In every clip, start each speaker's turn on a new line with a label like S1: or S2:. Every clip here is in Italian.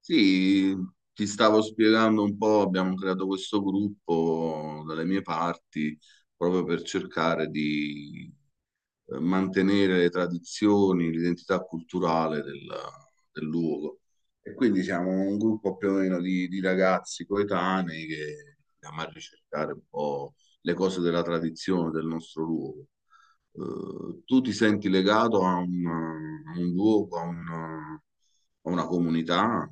S1: Sì, ti stavo spiegando un po', abbiamo creato questo gruppo dalle mie parti proprio per cercare di mantenere le tradizioni, l'identità culturale del luogo. E quindi siamo un gruppo più o meno di ragazzi coetanei che andiamo a ricercare un po' le cose della tradizione del nostro luogo. Tu ti senti legato a a un luogo, a una comunità?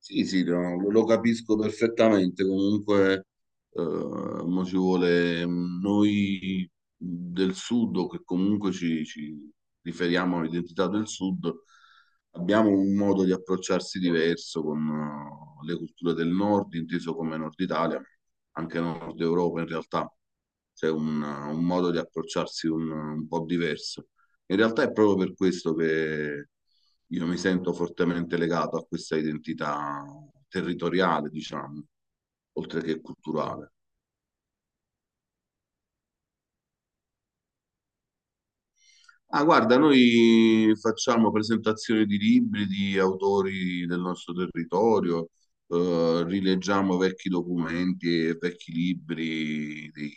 S1: Sì, sì, no, lo capisco perfettamente. Comunque, mo ci vuole mm, noi del sud, o che comunque ci riferiamo all'identità del sud, abbiamo un modo di approcciarsi diverso con le culture del nord, inteso come Nord Italia, anche Nord Europa in realtà. C'è un modo di approcciarsi un po' diverso. In realtà è proprio per questo che io mi sento fortemente legato a questa identità territoriale, diciamo, oltre che culturale. Ah, guarda, noi facciamo presentazioni di libri di autori del nostro territorio, rileggiamo vecchi documenti e vecchi libri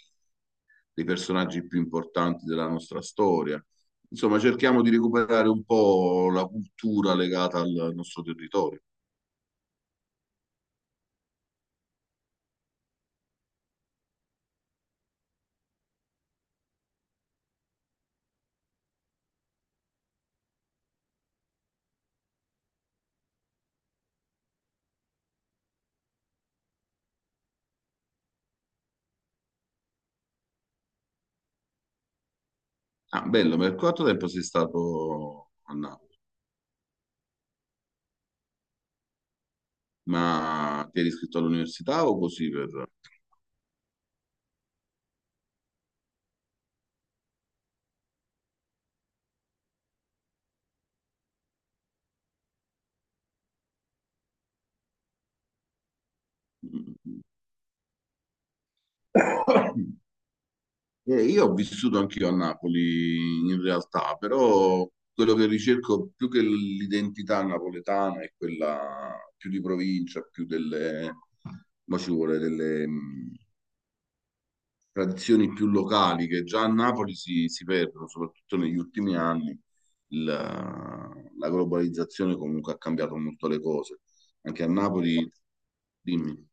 S1: dei personaggi più importanti della nostra storia. Insomma, cerchiamo di recuperare un po' la cultura legata al nostro territorio. Ah, bello, per quanto tempo sei stato a Napoli? Ma ti eri iscritto all'università o così per... Io ho vissuto anch'io a Napoli in realtà, però quello che ricerco più che l'identità napoletana è quella più di provincia, più ma ci vuole tradizioni più locali che già a Napoli si perdono, soprattutto negli ultimi anni. La globalizzazione comunque ha cambiato molto le cose. Anche a Napoli, dimmi.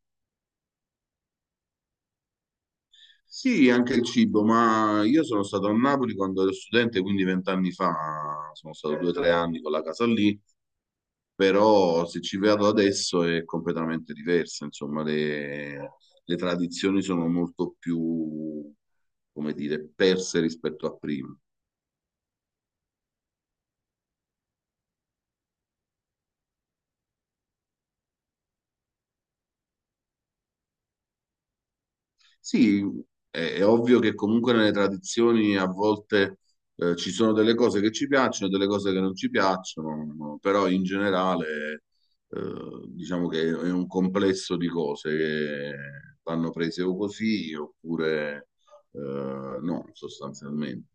S1: Sì, anche il cibo, ma io sono stato a Napoli quando ero studente, quindi vent'anni fa, sono stato due o tre anni con la casa lì, però se ci vado adesso è completamente diversa, insomma, le tradizioni sono molto più, come dire, perse rispetto a prima. Sì, è ovvio che comunque nelle tradizioni a volte ci sono delle cose che ci piacciono e delle cose che non ci piacciono, no? Però in generale diciamo che è un complesso di cose che vanno prese o così oppure no, sostanzialmente.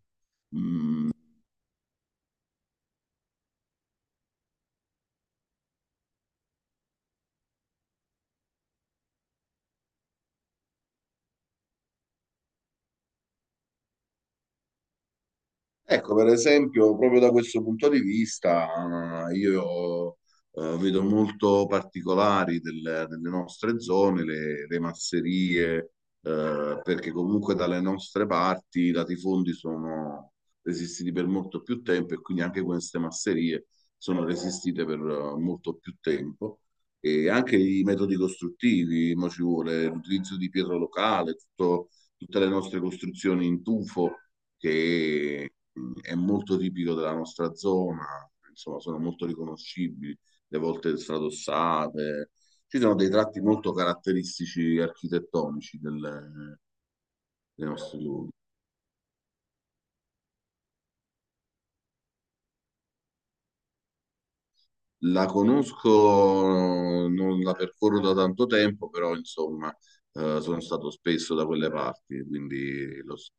S1: Ecco, per esempio, proprio da questo punto di vista, io vedo molto particolari delle nostre zone, le masserie, perché comunque dalle nostre parti i latifondi sono resistiti per molto più tempo e quindi anche queste masserie sono resistite per molto più tempo. E anche i metodi costruttivi, mo ci vuole l'utilizzo di pietra locale, tutte le nostre costruzioni in tufo che mm, è molto tipico della nostra zona, insomma, sono molto riconoscibili, le volte stradossate. Ci sono dei tratti molto caratteristici architettonici dei nostri luoghi. La conosco, non la percorro da tanto tempo, però insomma, sono stato spesso da quelle parti, quindi lo so.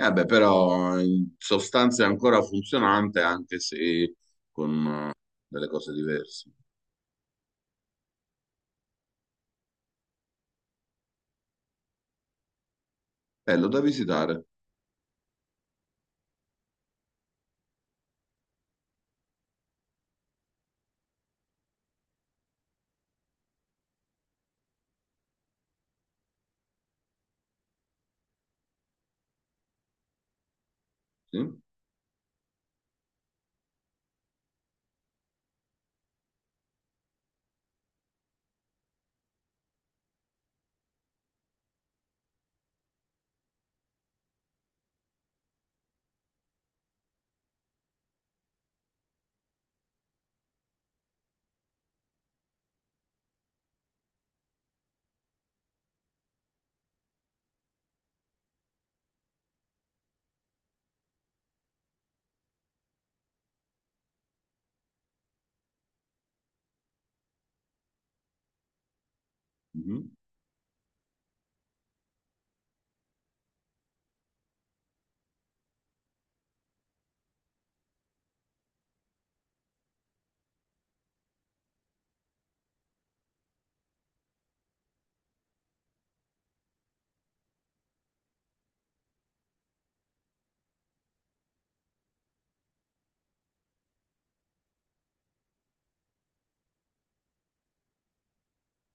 S1: Eh beh, però in sostanza è ancora funzionante, anche se con delle cose diverse. Bello da visitare. Sì. Mhm.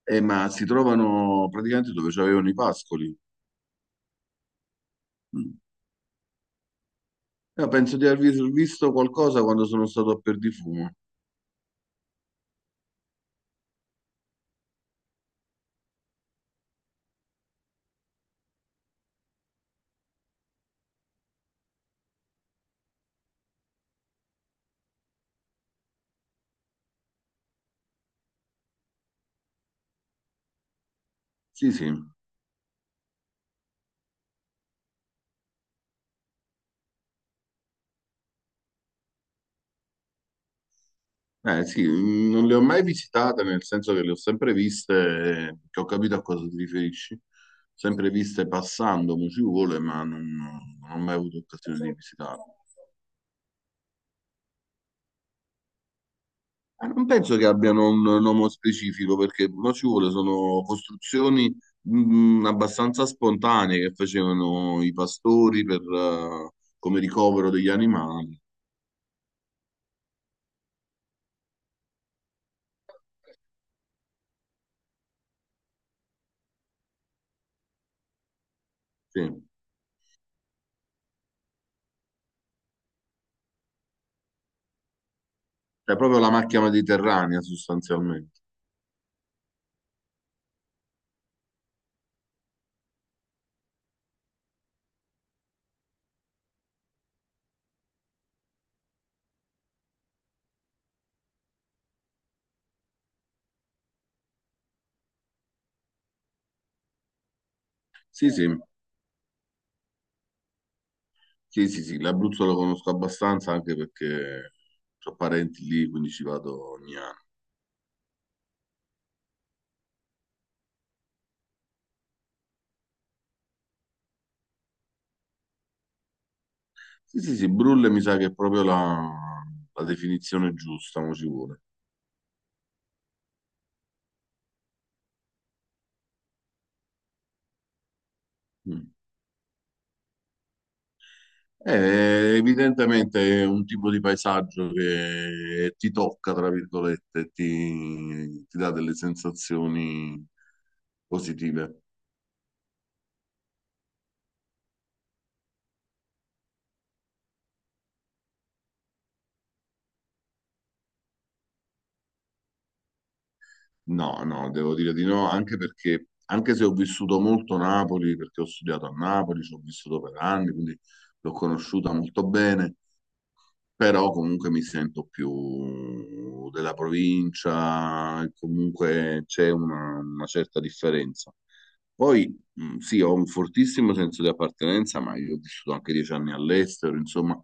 S1: Ma si trovano praticamente dove c'avevano i pascoli. Mm. Io penso di aver visto qualcosa quando sono stato a Perdifumo. Sì, sì. Sì, mm, non le ho mai visitate, nel senso che le ho sempre viste, che ho capito a cosa ti riferisci. Sempre viste passando, mo ci vuole, ma non ho mai avuto occasione di visitarle. Non penso che abbiano un nome specifico perché non ci vuole, sono costruzioni abbastanza spontanee che facevano i pastori per, come ricovero degli animali. Sì. Cioè, proprio la macchia mediterranea sostanzialmente. Sì, sì, sì, sì, sì, l'Abruzzo lo conosco abbastanza anche perché ho parenti lì, quindi ci vado ogni anno. Sì, sì, sì, Brulle mi sa che è proprio la definizione giusta, mo ci vuole. Mm. Evidentemente è un tipo di paesaggio che ti tocca, tra virgolette, ti dà delle sensazioni positive. No, no, devo dire di no, anche perché, anche se ho vissuto molto Napoli, perché ho studiato a Napoli, ci ho vissuto per anni, quindi l'ho conosciuta molto bene, però comunque mi sento più della provincia, e comunque c'è una certa differenza. Poi, sì, ho un fortissimo senso di appartenenza, ma io ho vissuto anche 10 anni all'estero, insomma,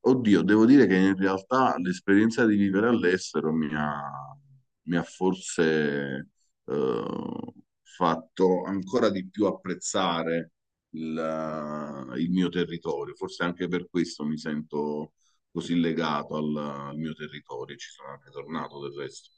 S1: oddio, devo dire che in realtà l'esperienza di vivere all'estero mi ha forse eh, fatto ancora di più apprezzare il mio territorio, forse anche per questo mi sento così legato al mio territorio, ci sono anche tornato del resto.